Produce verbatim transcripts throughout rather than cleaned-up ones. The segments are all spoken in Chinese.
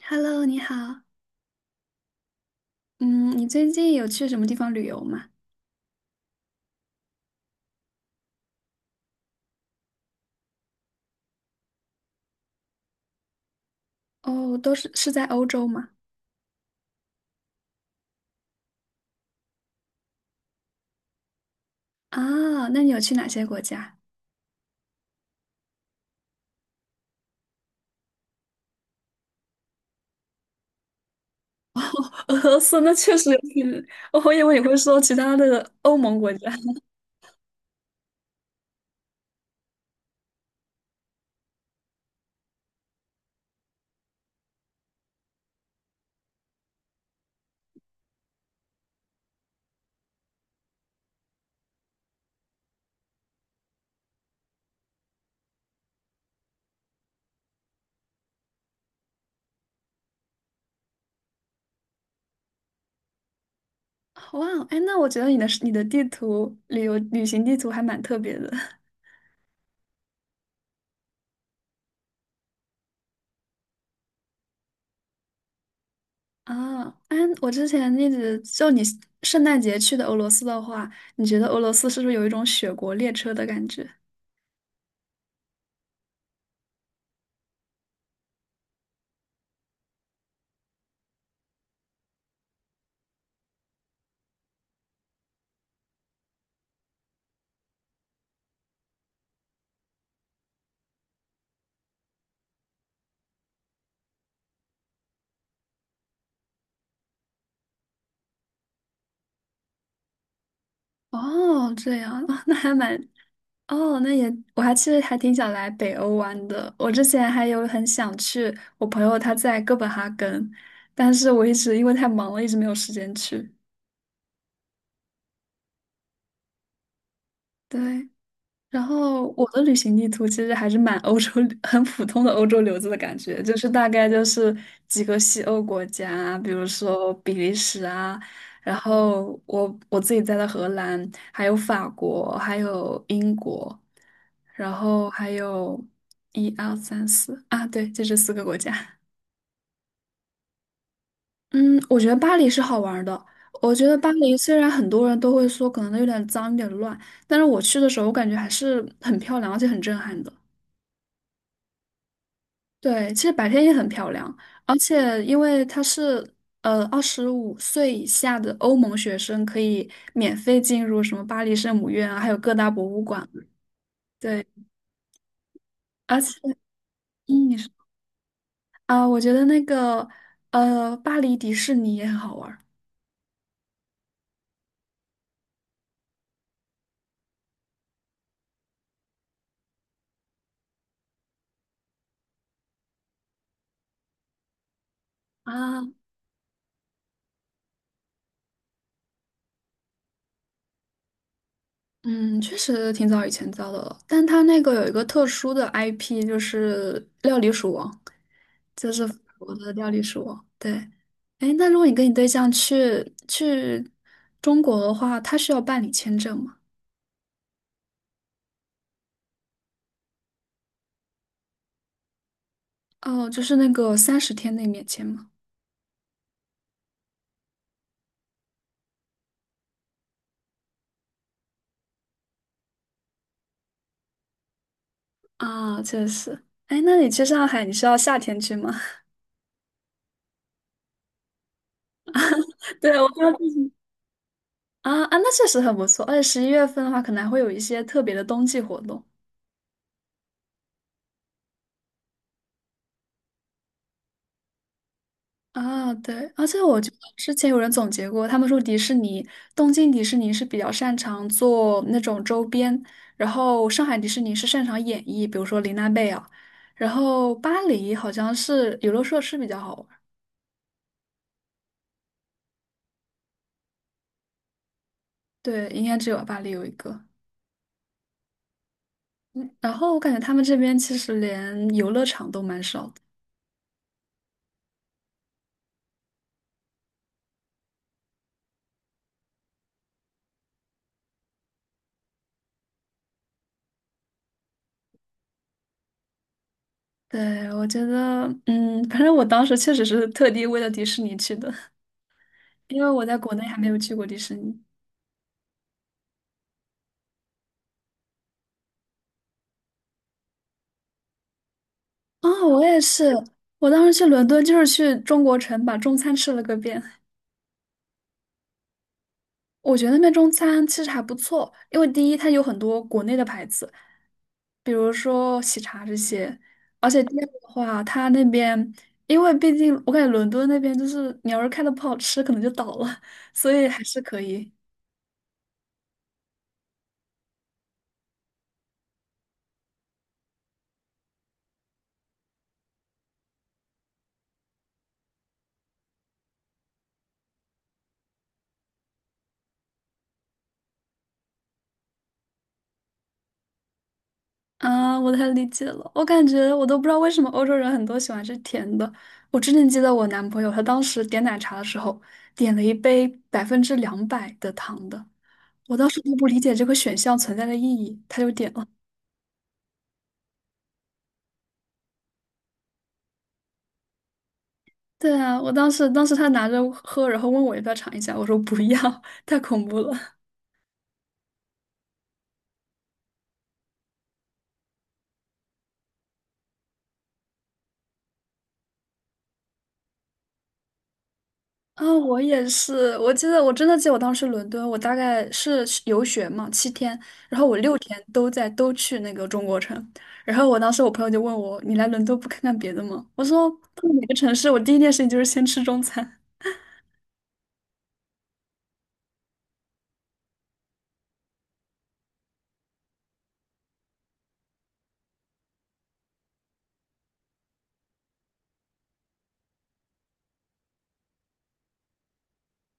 Hello，你好。嗯，你最近有去什么地方旅游吗？哦，都是是在欧洲吗？啊，那你有去哪些国家？俄罗斯那确实有点，我以为你会说其他的欧盟国家。哇哦，哎，那我觉得你的你的地图旅游旅行地图还蛮特别的。 啊。哎，我之前一直就你圣诞节去的俄罗斯的话，你觉得俄罗斯是不是有一种雪国列车的感觉？哦，这样啊。 那还蛮哦，那也，我还其实还挺想来北欧玩的。我之前还有很想去，我朋友他在哥本哈根，但是我一直因为太忙了，一直没有时间去。对，然后我的旅行地图其实还是蛮欧洲，很普通的欧洲流子的感觉，就是大概就是几个西欧国家，比如说比利时啊，然后我我自己在的荷兰，还有法国，还有英国，然后还有一二三四啊，对，就这四个国家。嗯，我觉得巴黎是好玩儿的。我觉得巴黎虽然很多人都会说可能有点脏、有点乱，但是我去的时候，我感觉还是很漂亮，而且很震撼的。对，其实白天也很漂亮，而且因为它是呃二十五岁以下的欧盟学生可以免费进入什么巴黎圣母院啊，还有各大博物馆。对，而且嗯，你说啊，我觉得那个呃巴黎迪士尼也很好玩儿啊。嗯，确实挺早以前造的了，但它那个有一个特殊的 I P，就是料理鼠王，就是法国的料理鼠王。对，哎，那如果你跟你对象去去中国的话，他需要办理签证吗？哦，就是那个三十天内免签吗？啊，确实。哎，那你去上海，你是要夏天去吗？对，我刚啊啊，那确实很不错，而且十一月份的话，可能还会有一些特别的冬季活动。啊，对，而且我觉得之前有人总结过，他们说迪士尼，东京迪士尼是比较擅长做那种周边，然后上海迪士尼是擅长演绎，比如说玲娜贝儿，然后巴黎好像是游乐设施比较好玩。对，应该只有巴黎有一个。然后我感觉他们这边其实连游乐场都蛮少的。对，我觉得，嗯，反正我当时确实是特地为了迪士尼去的，因为我在国内还没有去过迪士尼。哦，我也是。我当时去伦敦就是去中国城把中餐吃了个遍。我觉得那边中餐其实还不错，因为第一它有很多国内的牌子，比如说喜茶这些。而且第二的话，它那边因为毕竟我感觉伦敦那边就是你要是开的不好吃，可能就倒了，所以还是可以。啊，我太理解了。我感觉我都不知道为什么欧洲人很多喜欢吃甜的。我之前记得我男朋友，他当时点奶茶的时候，点了一杯百分之两百的糖的。我当时都不理解这个选项存在的意义，他就点了。对啊，我当时当时他拿着喝，然后问我要不要尝一下，我说不要，太恐怖了。啊，我也是。我记得，我真的记得我当时伦敦，我大概是游学嘛，七天，然后我六天都在都去那个中国城。然后我当时我朋友就问我，你来伦敦不看看别的吗？我说到哪个城市，我第一件事情就是先吃中餐。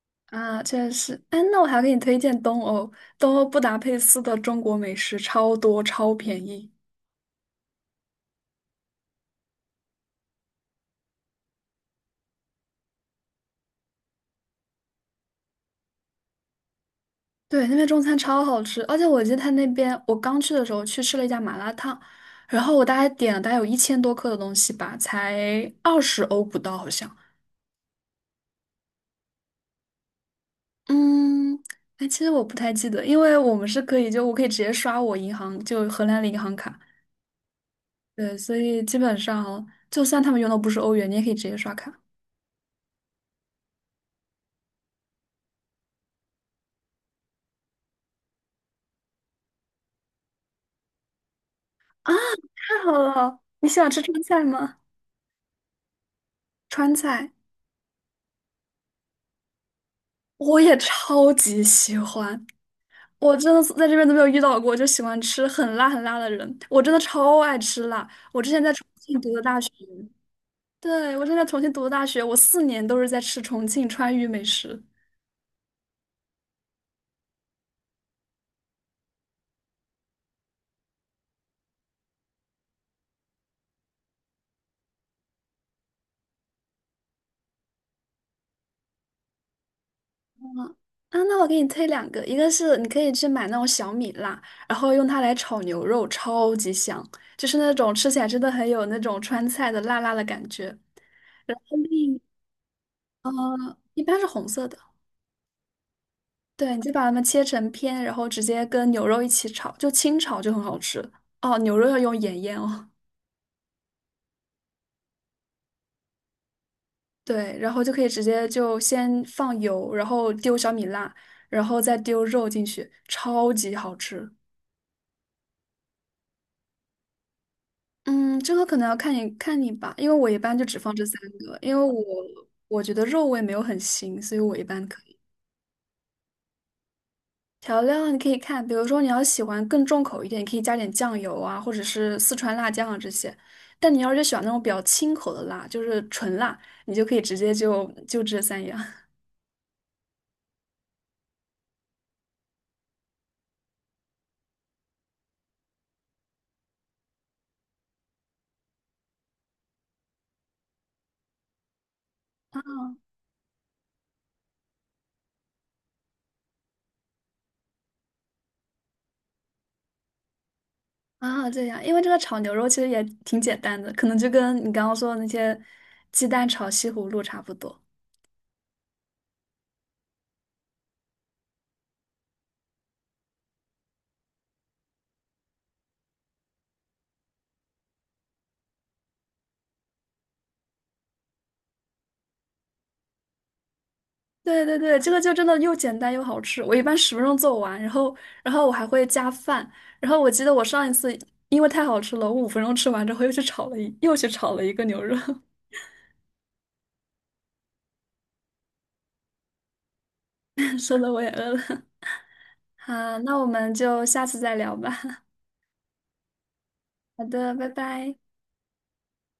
啊，确实。哎，那我还给你推荐东欧，东欧布达佩斯的中国美食超多，超便宜。对，那边中餐超好吃，而且我记得他那边，我刚去的时候去吃了一家麻辣烫，然后我大概点了大概有一千多克的东西吧，才二十欧不到好像。嗯，哎，其实我不太记得，因为我们是可以就我可以直接刷我银行就荷兰的银行卡，对，所以基本上就算他们用的不是欧元，你也可以直接刷卡。啊，太好了！你喜欢吃川菜吗？川菜我也超级喜欢，我真的是在这边都没有遇到过，就喜欢吃很辣很辣的人。我真的超爱吃辣。我之前在重庆读的大学，对，我之前在重庆读的大学，我四年都是在吃重庆川渝美食。嗯啊，那我给你推两个，一个是你可以去买那种小米辣，然后用它来炒牛肉，超级香，就是那种吃起来真的很有那种川菜的辣辣的感觉。嗯。一般是红色的。对，你就把它们切成片，然后直接跟牛肉一起炒，就清炒就很好吃。哦，牛肉要用盐腌哦。对，然后就可以直接就先放油，然后丢小米辣，然后再丢肉进去，超级好吃。嗯，这个可能要看你看你吧，因为我一般就只放这三个，因为我我觉得肉味没有很腥，所以我一般可以。调料你可以看，比如说你要喜欢更重口一点，你可以加点酱油啊，或者是四川辣酱啊这些。但你要是喜欢那种比较清口的辣，就是纯辣，你就可以直接就就这三样。 啊，这样。因为这个炒牛肉其实也挺简单的，可能就跟你刚刚说的那些鸡蛋炒西葫芦差不多。对对对，这个就真的又简单又好吃。我一般十分钟做完，然后然后我还会加饭。然后我记得我上一次因为太好吃了，我五分钟吃完之后又去炒了一又去炒了一个牛肉。说的我也饿了。好，那我们就下次再聊吧。好的，拜拜。